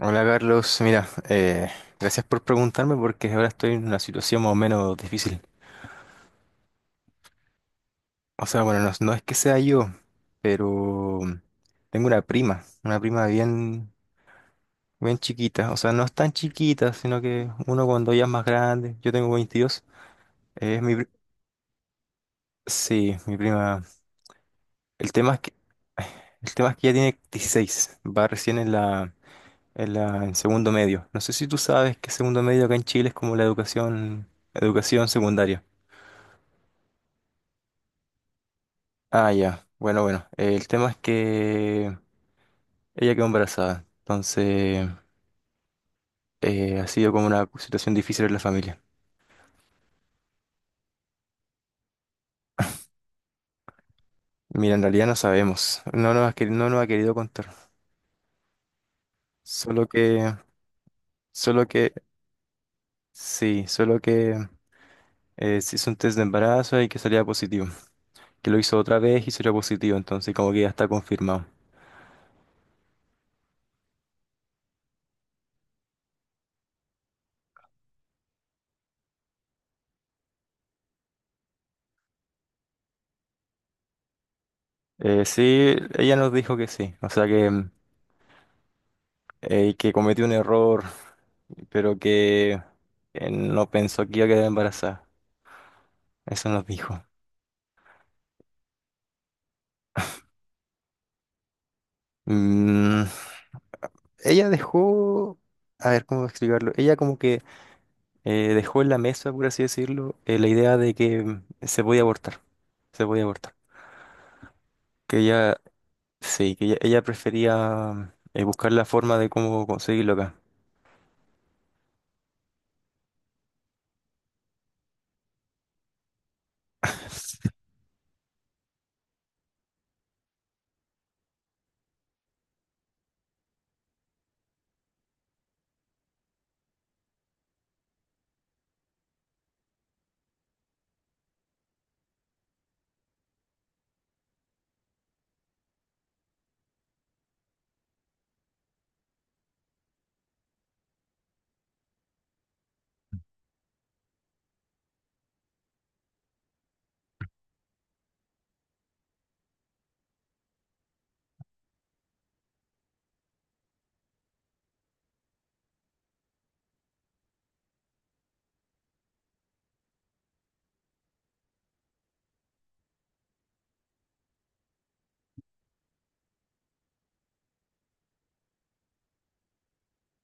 Hola Carlos, mira, gracias por preguntarme porque ahora estoy en una situación más o menos difícil. O sea, bueno, no es que sea yo, pero tengo una prima bien, bien chiquita. O sea, no es tan chiquita, sino que uno cuando ya es más grande, yo tengo 22, eh, es mi, pri- sí, mi prima. El tema es que, el tema es que ya tiene 16, va recién en segundo medio. No sé si tú sabes que segundo medio acá en Chile es como la educación secundaria. Ah, ya. Bueno, bueno. El tema es que ella quedó embarazada. Entonces, ha sido como una situación difícil en la familia. Mira, en realidad no sabemos. No nos ha querido contar. Solo que, solo que, sí, solo que se hizo un test de embarazo y que salía positivo. Que lo hizo otra vez y salió positivo. Entonces, como que ya está confirmado. Sí, ella nos dijo que sí. O sea que que cometió un error, pero que no pensó que iba a quedar embarazada. Eso nos dijo. Mm, ella dejó, a ver cómo explicarlo, ella como que dejó en la mesa, por así decirlo, la idea de que se podía se podía abortar. Que ella, sí, que ella prefería buscar la forma de cómo conseguirlo acá.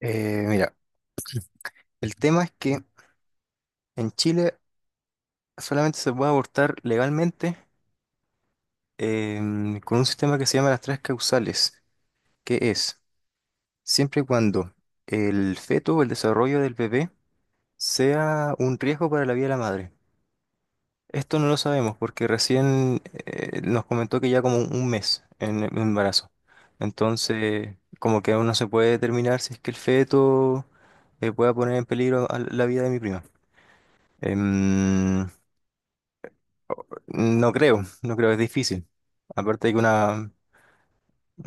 Mira, el tema es que en Chile solamente se puede abortar legalmente con un sistema que se llama las tres causales, que es siempre y cuando el feto o el desarrollo del bebé sea un riesgo para la vida de la madre. Esto no lo sabemos porque recién nos comentó que ya como un mes en el embarazo. Entonces, como que aún no se puede determinar si es que el feto pueda poner en peligro a la vida de mi prima. Em, no creo, es difícil. Aparte de que una,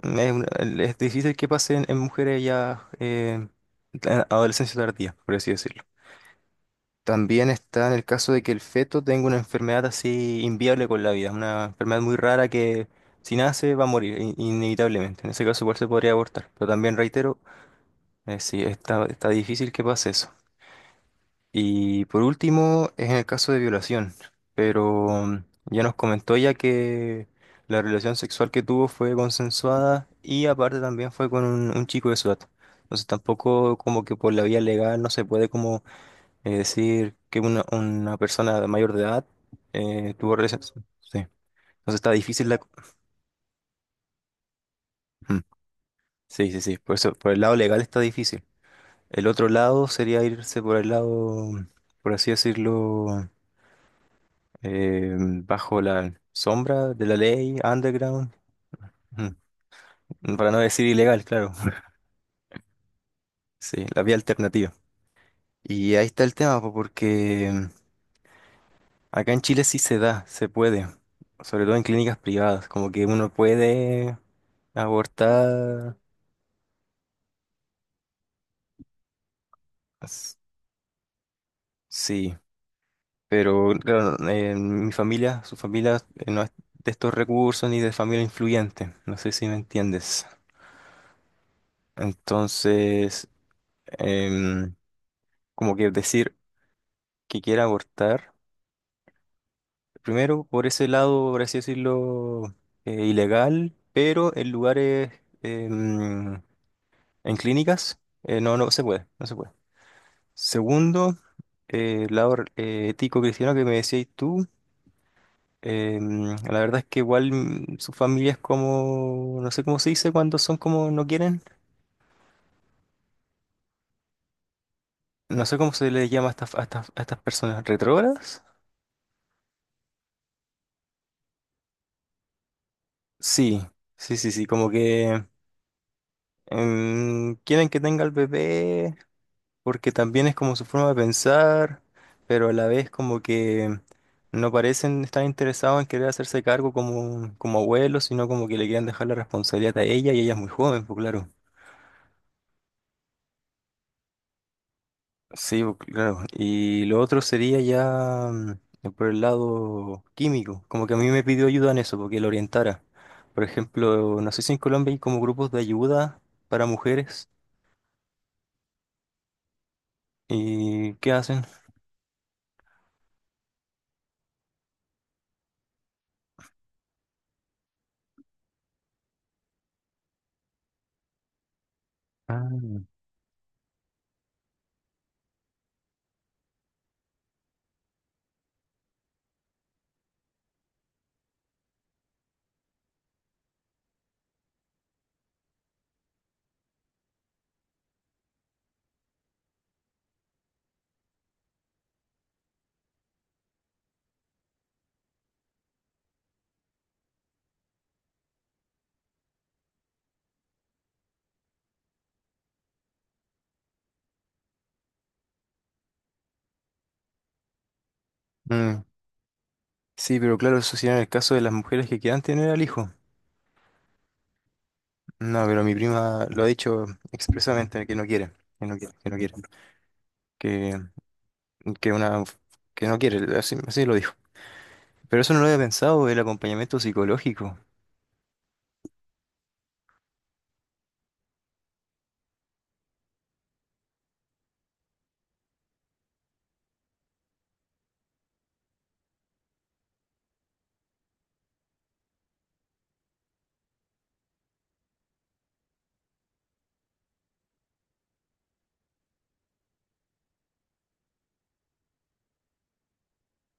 es, una- es difícil que pase en mujeres ya en adolescencia tardía, por así decirlo. También está en el caso de que el feto tenga una enfermedad así inviable con la vida, una enfermedad muy rara que si nace va a morir inevitablemente. En ese caso igual se podría abortar, pero también reitero, sí, está difícil que pase eso. Y por último es en el caso de violación, pero ya nos comentó ya que la relación sexual que tuvo fue consensuada y aparte también fue con un chico de su edad. Entonces tampoco como que por la vía legal no se puede es decir, que una persona de mayor de edad tuvo relaciones. Sí. Entonces está difícil la... Mm. Sí, sí, sí. Por eso, por el lado legal está difícil. El otro lado sería irse por el lado, por así decirlo, bajo la sombra de la ley, underground. Mm. Para no decir ilegal, claro. Sí, la vía alternativa. Y ahí está el tema, po, porque acá en Chile sí se da, se puede, sobre todo en clínicas privadas, como que uno puede abortar, s- sí, pero claro, mi familia, su familia no es de estos recursos ni de familia influyente, no sé si me entiendes. Entonces, em, como que decir que quiera abortar, primero por ese lado, por así decirlo, ilegal, pero en lugares, em, en clínicas, no se no se puede. Segundo, el lado ético cristiano que me decías tú, la verdad es que igual su familia es como, no sé cómo se dice cuando son como no quieren, no sé cómo se les llama a a estas personas, ¿retrógradas? Sí, sí, sí, sí, como que quieren que tenga el bebé porque también es como su forma de pensar, pero a la vez como que no parecen estar interesados en querer hacerse cargo como, como abuelos, sino como que le quieren dejar la responsabilidad a ella y ella es muy joven, pues claro. Sí, pues claro. Y lo otro sería ya por el lado químico, como que a mí me pidió ayuda en eso, porque lo orientara. Por ejemplo, no sé si en Colombia hay como grupos de ayuda para mujeres y ¿qué hacen? Ah. Mm. Sí, pero claro, eso sería en el caso de las mujeres que quieran tener al hijo. No, pero mi prima lo ha dicho expresamente, que no quiere, que, que una, que no quiere, así lo dijo. Pero eso no lo había pensado, el acompañamiento psicológico.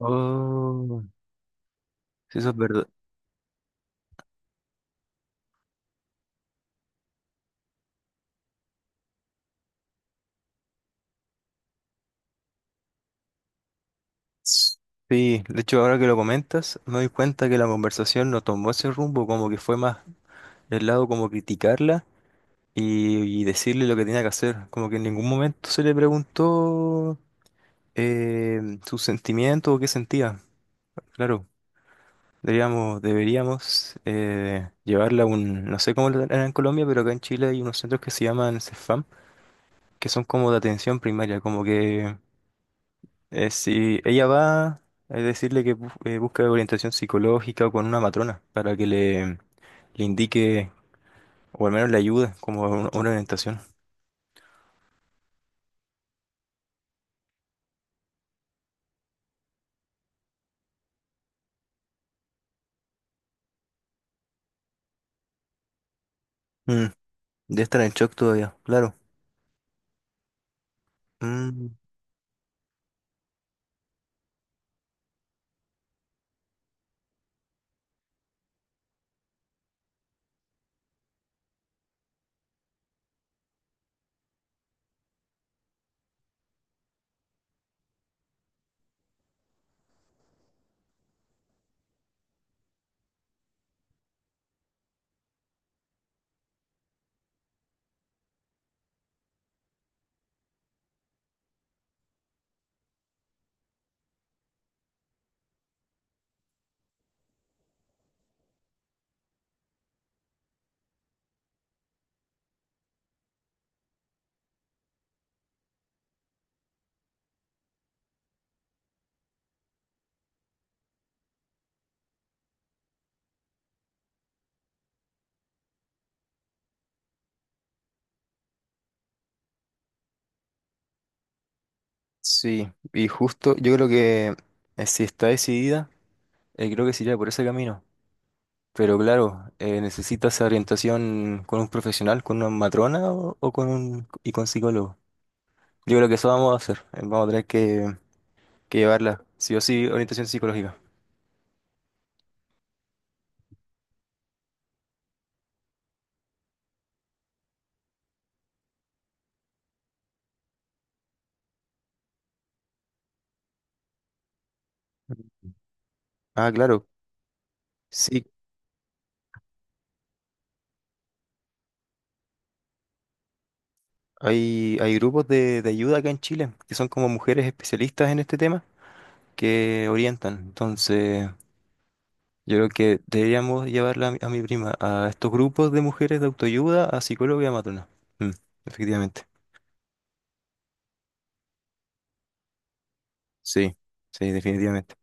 Oh, sí, eso es verdad. S- Sí, de hecho, ahora que lo comentas, me doy cuenta que la conversación no tomó ese rumbo, como que fue más del lado como criticarla y decirle lo que tenía que hacer. Como que en ningún momento se le preguntó. Sus sentimientos o qué sentía, claro. Deberíamos llevarla a un, no sé cómo lo harán en Colombia, pero acá en Chile hay unos centros que se llaman CEFAM, que son como de atención primaria, como que si ella va a decirle que busca orientación psicológica o con una matrona para que le indique o al menos le ayude como a a una orientación. Mm, de estar en shock todavía, claro. Mm, sí, y justo yo creo que si está decidida. Creo que sería por ese camino. Pero claro, necesitas orientación con un profesional, con una matrona o con un y con psicólogo. Yo creo que eso vamos a hacer. Vamos a tener que llevarla, sí o sí, orientación psicológica. Ah, claro. Sí, hay grupos de ayuda acá en Chile, que son como mujeres especialistas en este tema, que orientan. Entonces, yo creo que deberíamos llevarla a a mi prima a estos grupos de mujeres de autoayuda, a psicóloga y a matrona. Mm, efectivamente. Sí, sí, definitivamente.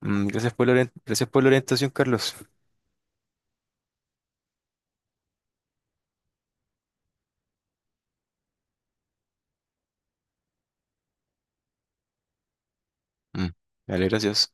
Gracias por gracias por la orientación, Carlos. Mm, vale, gracias.